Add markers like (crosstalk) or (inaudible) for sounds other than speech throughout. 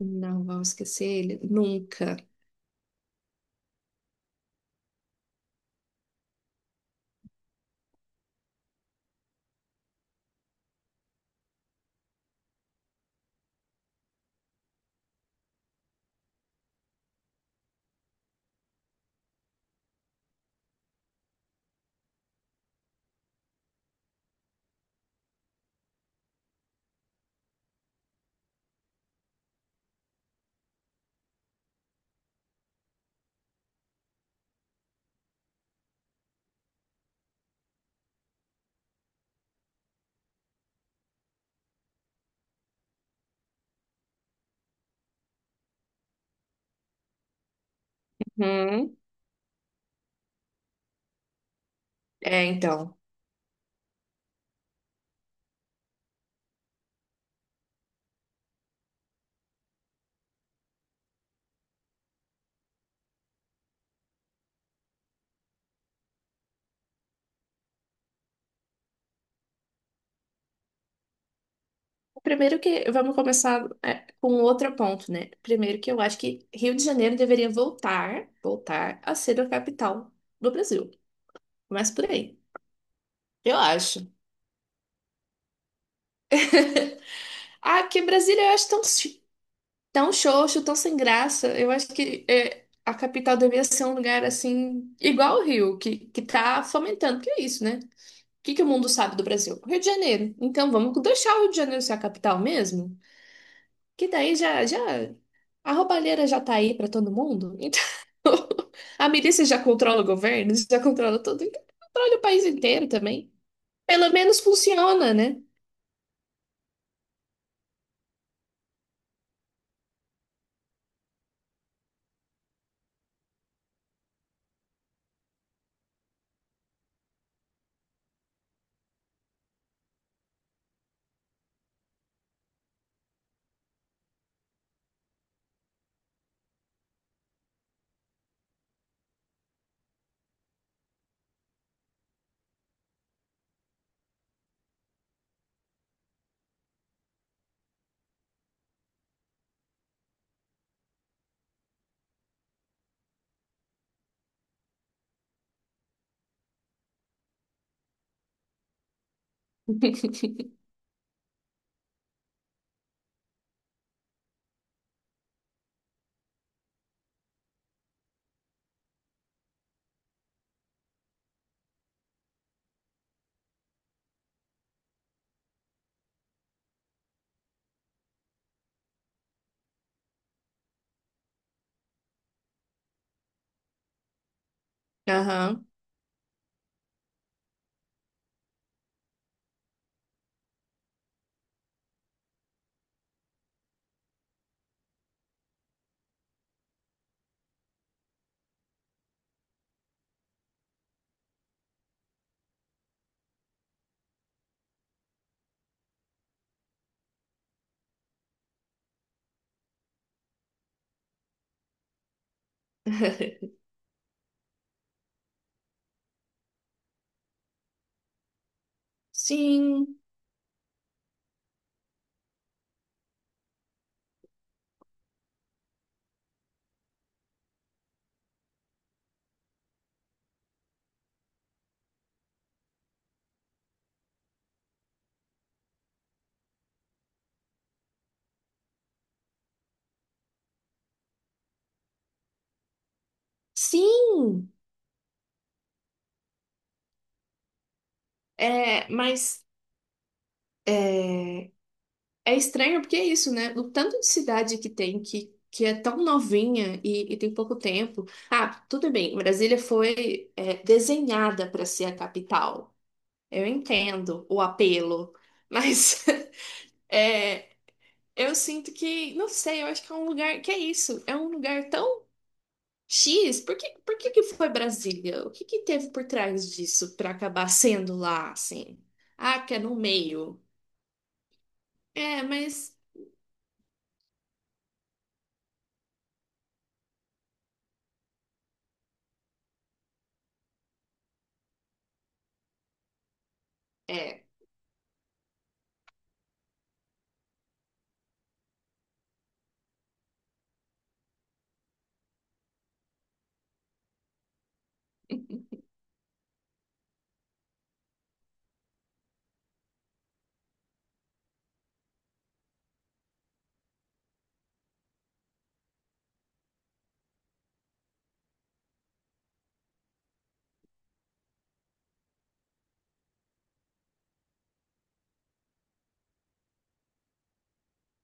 Não vamos esquecer ele nunca. Uhum. É, então. Primeiro que vamos começar com um outro ponto, né? Primeiro que eu acho que Rio de Janeiro deveria voltar a ser a capital do Brasil. Mas por aí. Eu acho. (laughs) Ah, que Brasília eu acho tão, tão xoxo, tão sem graça. Eu acho que a capital deveria ser um lugar assim, igual o Rio, que tá fomentando, que é isso, né? Que o mundo sabe do Brasil? Rio de Janeiro. Então vamos deixar o Rio de Janeiro ser a capital mesmo? Que daí já a roubalheira já tá aí pra todo mundo. Então (laughs) a milícia já controla o governo, já controla tudo, então controla o país inteiro também. Pelo menos funciona, né? (laughs) Aham. Sim. Sim. É, mas é, é estranho porque é isso, né? O tanto de cidade que tem que é tão novinha e tem pouco tempo. Ah, tudo bem, Brasília foi desenhada para ser a capital. Eu entendo o apelo, mas (laughs) é, eu sinto que, não sei, eu acho que é um lugar que é isso, é um lugar tão X. Por que que foi Brasília? O que que teve por trás disso para acabar sendo lá, assim? Ah, que é no meio. É, mas é.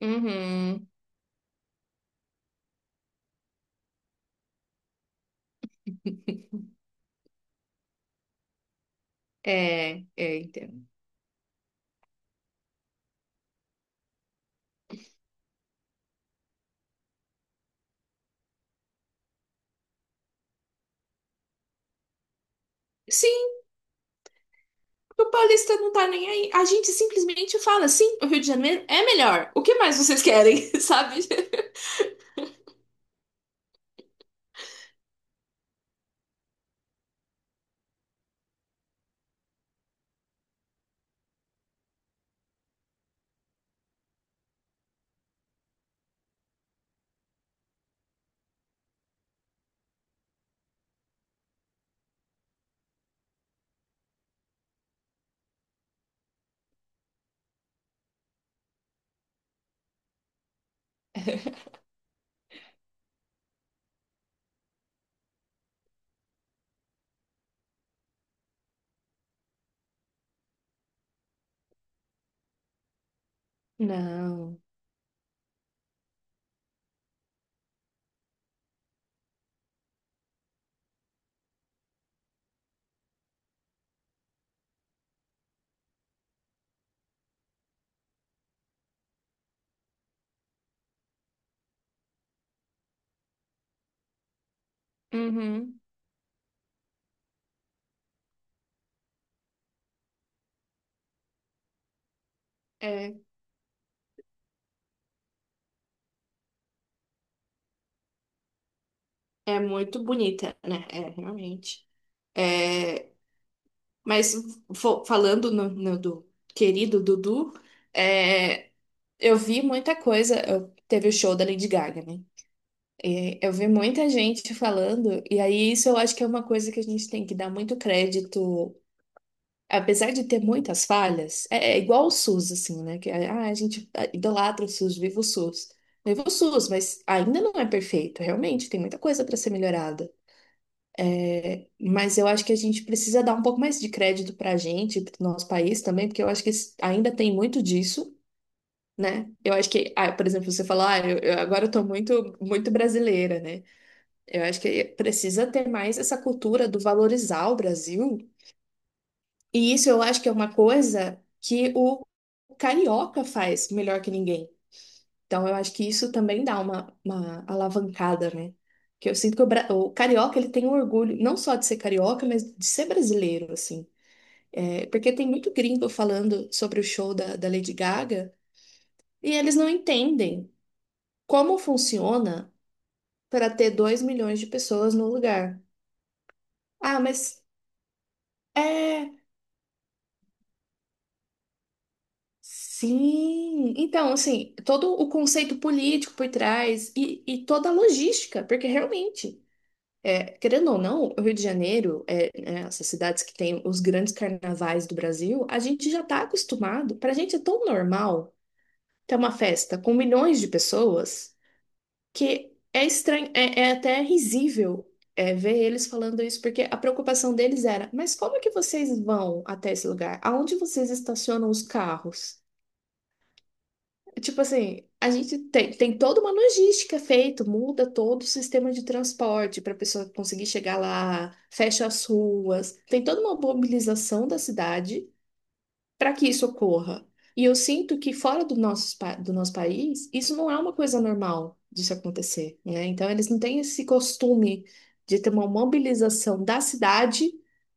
Uhum. É, é, entendo. Sim, o paulista não tá nem aí. A gente simplesmente fala, sim, o Rio de Janeiro é melhor. O que mais vocês querem, (laughs) sabe? Não. Uhum. É, é muito bonita, né? É, realmente. É, mas falando no do querido Dudu, é, eu vi muita coisa. Teve o show da Lady Gaga, né? É, eu vi muita gente falando, e aí isso eu acho que é uma coisa que a gente tem que dar muito crédito. Apesar de ter muitas falhas, é igual o SUS, assim, né? Que é, ah, a gente ah, idolatra o SUS, viva o SUS. Viva o SUS, mas ainda não é perfeito, realmente, tem muita coisa para ser melhorada. Mas eu acho que a gente precisa dar um pouco mais de crédito para a gente, para o nosso país também, porque eu acho que ainda tem muito disso, né? Eu acho que, ah, por exemplo, você fala, ah, eu agora eu tô muito, muito brasileira, né? Eu acho que precisa ter mais essa cultura do valorizar o Brasil. E isso eu acho que é uma coisa que o carioca faz melhor que ninguém. Então eu acho que isso também dá uma alavancada, né? Que eu sinto que o carioca ele tem um orgulho não só de ser carioca, mas de ser brasileiro, assim. É, porque tem muito gringo falando sobre o show da Lady Gaga e eles não entendem como funciona para ter 2 milhões de pessoas no lugar. Ah, mas é. Sim, então, assim, todo o conceito político por trás e toda a logística, porque realmente, é, querendo ou não, o Rio de Janeiro, é, né, essas cidades que têm os grandes carnavais do Brasil, a gente já está acostumado, para a gente é tão normal ter uma festa com milhões de pessoas que é estranho, é, é até risível, é, ver eles falando isso, porque a preocupação deles era, mas como é que vocês vão até esse lugar? Aonde vocês estacionam os carros? Tipo assim, a gente tem, toda uma logística feita, muda todo o sistema de transporte para a pessoa conseguir chegar lá, fecha as ruas, tem toda uma mobilização da cidade para que isso ocorra. E eu sinto que fora do nosso, do nosso país, isso não é uma coisa normal de se acontecer, né? Então, eles não têm esse costume de ter uma mobilização da cidade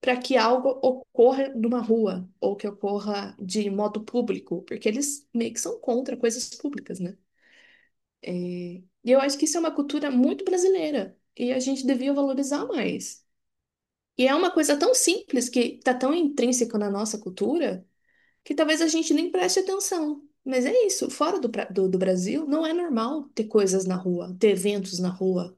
para que algo ocorra numa rua ou que ocorra de modo público, porque eles meio que são contra coisas públicas, né? E eu acho que isso é uma cultura muito brasileira e a gente devia valorizar mais. E é uma coisa tão simples que está tão intrínseca na nossa cultura que talvez a gente nem preste atenção. Mas é isso, fora do Brasil, não é normal ter coisas na rua, ter eventos na rua,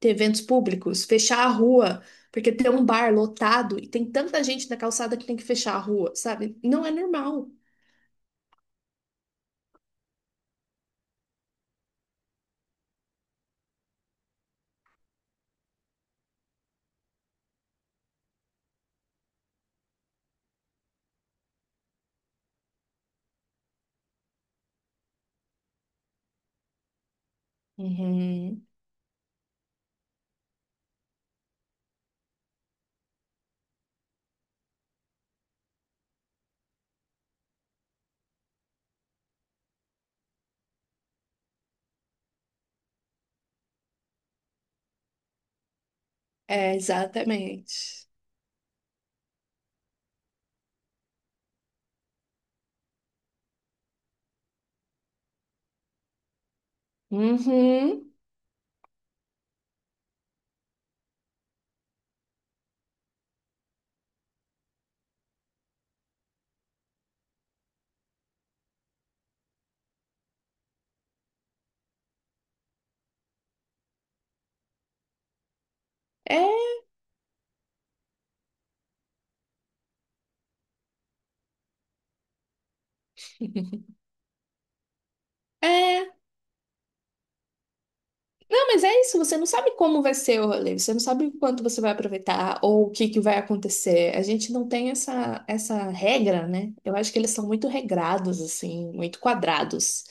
ter eventos públicos, fechar a rua, porque tem um bar lotado e tem tanta gente na calçada que tem que fechar a rua, sabe? Não é normal. Uhum. É, exatamente. Uhum. É, é. Não, mas é isso, você não sabe como vai ser o rolê, você não sabe o quanto você vai aproveitar ou o que que vai acontecer. A gente não tem essa regra, né? Eu acho que eles são muito regrados, assim, muito quadrados.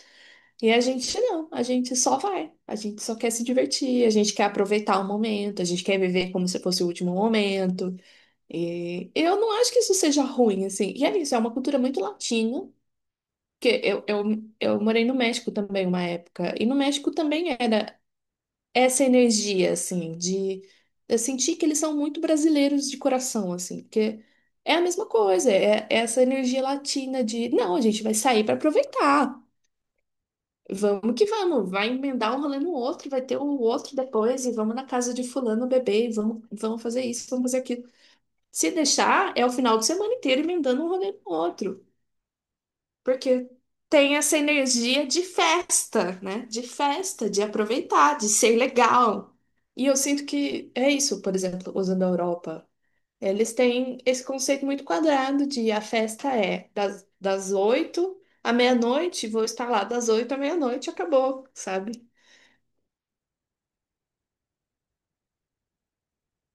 E a gente não, a gente só vai, a gente só quer se divertir, a gente quer aproveitar o momento, a gente quer viver como se fosse o último momento. E eu não acho que isso seja ruim, assim. E é isso, é uma cultura muito latina, porque eu morei no México também uma época, e no México também era essa energia, assim, de eu sentir que eles são muito brasileiros de coração, assim, porque é a mesma coisa, é essa energia latina de, não, a gente vai sair para aproveitar. Vamos que vamos, vai emendar um rolê no outro, vai ter um outro depois, e vamos na casa de fulano beber, e vamos, fazer isso, vamos fazer aquilo. Se deixar, é o final de semana inteiro emendando um rolê no outro. Porque tem essa energia de festa, né? De festa, de aproveitar, de ser legal. E eu sinto que é isso, por exemplo, usando a Europa. Eles têm esse conceito muito quadrado de a festa é das 8 à meia-noite, vou estar lá das 8 à meia-noite, acabou, sabe?